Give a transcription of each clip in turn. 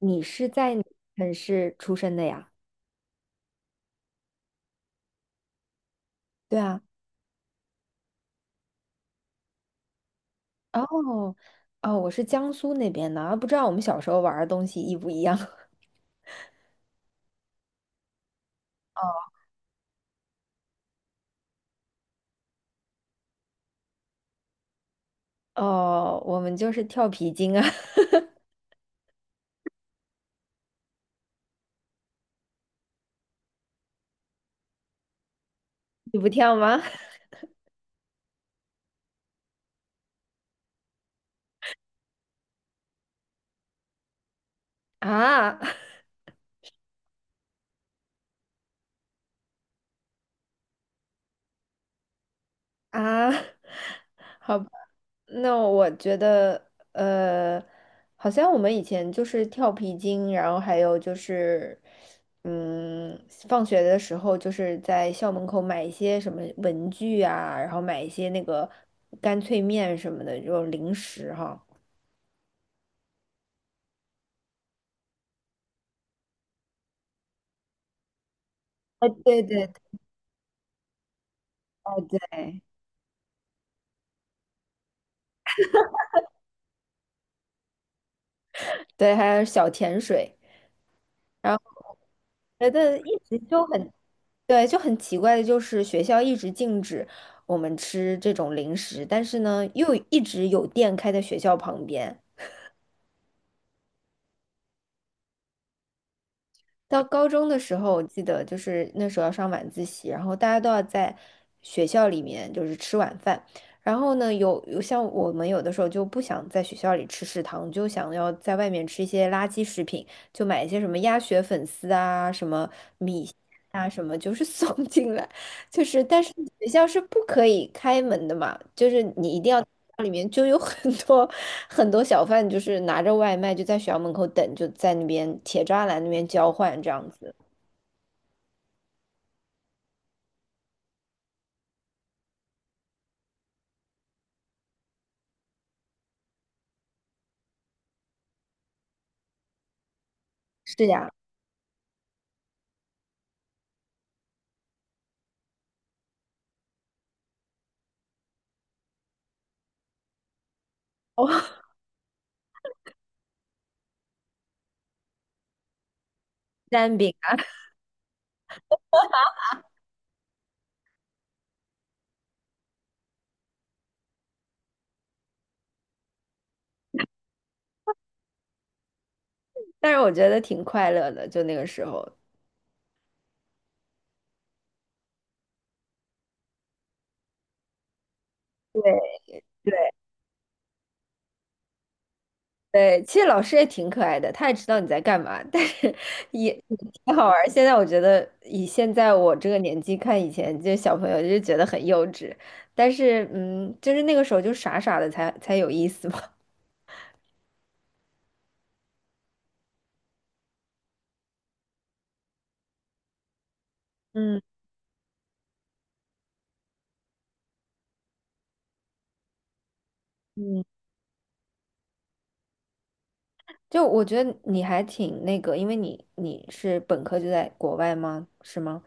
你是在哪个城市出生的呀？对啊。哦，哦，我是江苏那边的，啊不知道我们小时候玩儿的东西一不一样。哦哦，我们就是跳皮筋啊。你不跳吗？啊。啊。好吧，那我觉得，好像我们以前就是跳皮筋，然后还有就是，嗯，放学的时候就是在校门口买一些什么文具啊，然后买一些那个干脆面什么的这种零食哈。啊，对对对对。对，还有小甜水，然后我觉得一直就很对，就很奇怪的就是学校一直禁止我们吃这种零食，但是呢，又一直有店开在学校旁边。到高中的时候，我记得就是那时候要上晚自习，然后大家都要在学校里面就是吃晚饭。然后呢，有像我们有的时候就不想在学校里吃食堂，就想要在外面吃一些垃圾食品，就买一些什么鸭血粉丝啊，什么啊什么，就是送 进来，就是但是学校是不可以开门的嘛，就是你一定要里面就有很多很多小贩，就是拿着外卖就在学校门口等，就在那边铁栅栏那边交换这样子。是呀。哦，蛋饼啊。但是我觉得挺快乐的，就那个时候。对对。对，其实老师也挺可爱的，他也知道你在干嘛，但是也挺好玩儿，现在我觉得，以现在我这个年纪看以前这小朋友，就觉得很幼稚。但是，就是那个时候就傻傻的才有意思嘛。嗯嗯。就我觉得你还挺那个，因为你是本科就在国外吗？是吗？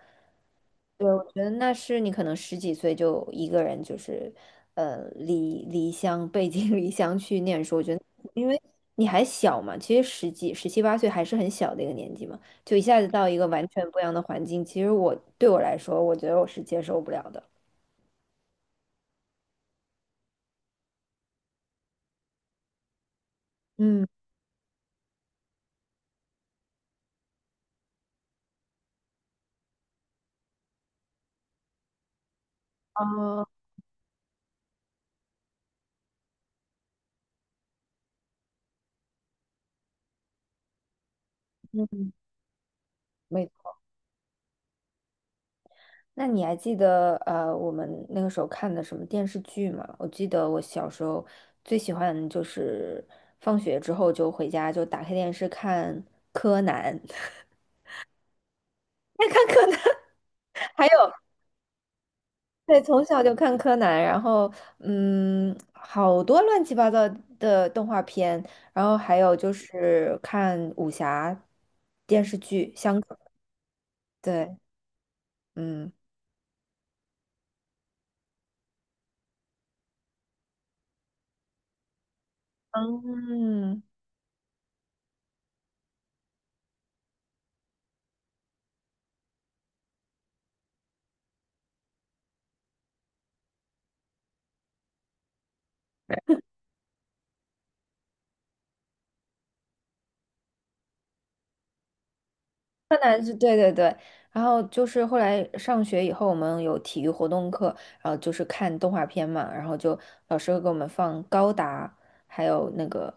对，我觉得那是你可能十几岁就一个人，就是，离乡背井离乡去念书。我觉得，因为你还小嘛，其实十几、十七八岁还是很小的一个年纪嘛，就一下子到一个完全不一样的环境，其实对我来说，我觉得我是接受不了的。嗯。哦。嗯。没。那你还记得我们那个时候看的什么电视剧吗？我记得我小时候最喜欢就是放学之后就回家就打开电视看柯南。爱看柯南。还有对，从小就看柯南，然后好多乱七八糟的动画片，然后还有就是看武侠电视剧，香港。对，嗯嗯。柯南是对对对，然后就是后来上学以后，我们有体育活动课，然后就是看动画片嘛，然后就老师会给我们放高达，还有那个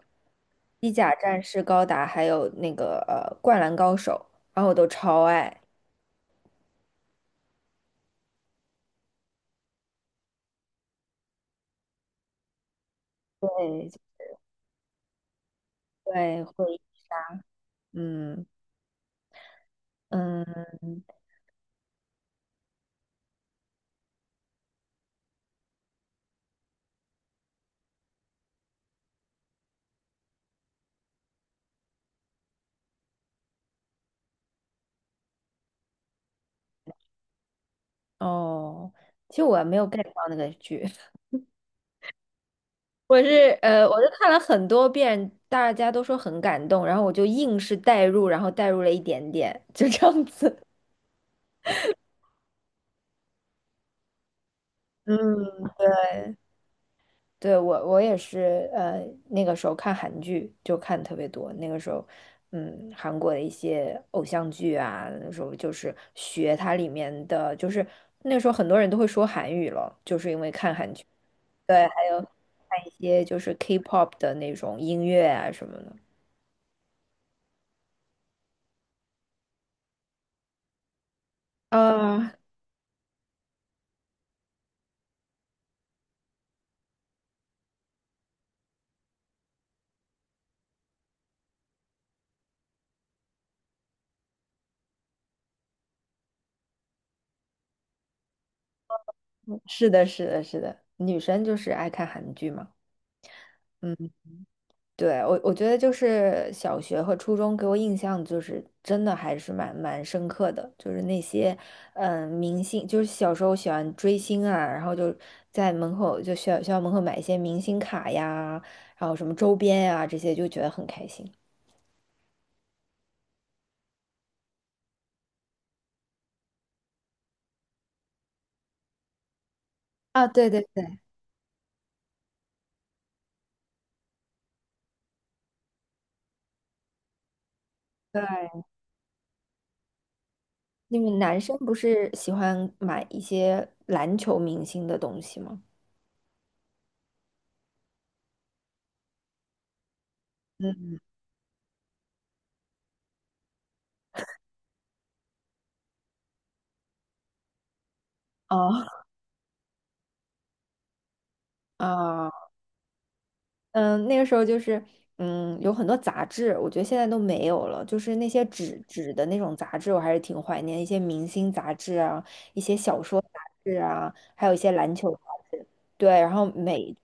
机甲战士高达，还有那个灌篮高手，然后我都超爱。对对。会。嗯嗯哦。其实我没有 get 到那个剧。我就看了很多遍，大家都说很感动，然后我就硬是代入，然后代入了一点点，就这样子。嗯。对，我也是，那个时候看韩剧就看特别多。那个时候，韩国的一些偶像剧啊，那时候就是学它里面的，就是那时候很多人都会说韩语了，就是因为看韩剧。对，还看一些就是 K-pop 的那种音乐啊什么的。啊，是的，是的，是的，女生就是爱看韩剧嘛。嗯。对，我觉得就是小学和初中给我印象就是真的还是蛮深刻的，就是那些明星，就是小时候喜欢追星啊，然后就在门口就学校门口买一些明星卡呀，然后什么周边呀、这些，就觉得很开心。啊，对对对对。你们男生不是喜欢买一些篮球明星的东西吗？嗯。哦。啊。嗯，那个时候就是，有很多杂志，我觉得现在都没有了。就是那些纸的那种杂志，我还是挺怀念一些明星杂志啊，一些小说杂志啊，还有一些篮球杂志。对，然后每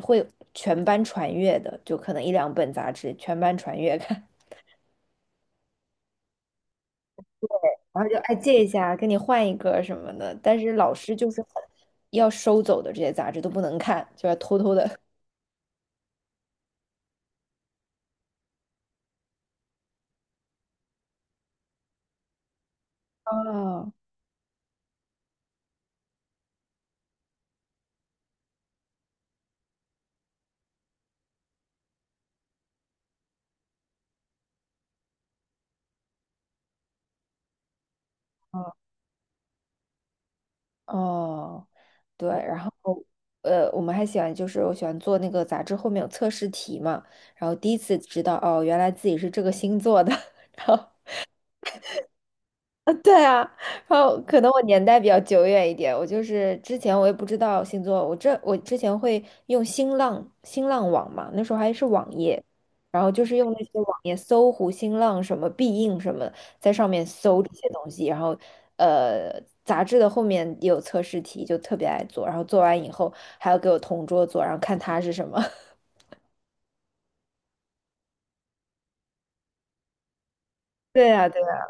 会全班传阅的，就可能一两本杂志全班传阅看，然后就哎借一下，跟你换一个什么的。但是老师就是很要收走的这些杂志都不能看，就要偷偷的。哦哦。对，然后我们还喜欢就是我喜欢做那个杂志后面有测试题嘛，然后第一次知道哦，原来自己是这个星座的，然后啊。对啊，然后可能我年代比较久远一点，我就是之前我也不知道星座，我之前会用新浪网嘛，那时候还是网页，然后就是用那些网页搜狐、新浪什么必应什么在上面搜这些东西，然后呃，杂志的后面也有测试题，就特别爱做，然后做完以后还要给我同桌做，然后看他是什么。对呀，对呀，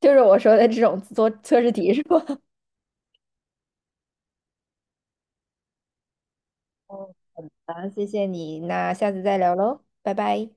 就是我说的这种做测试题是吧？嗯，好，谢谢你，那下次再聊喽，拜拜。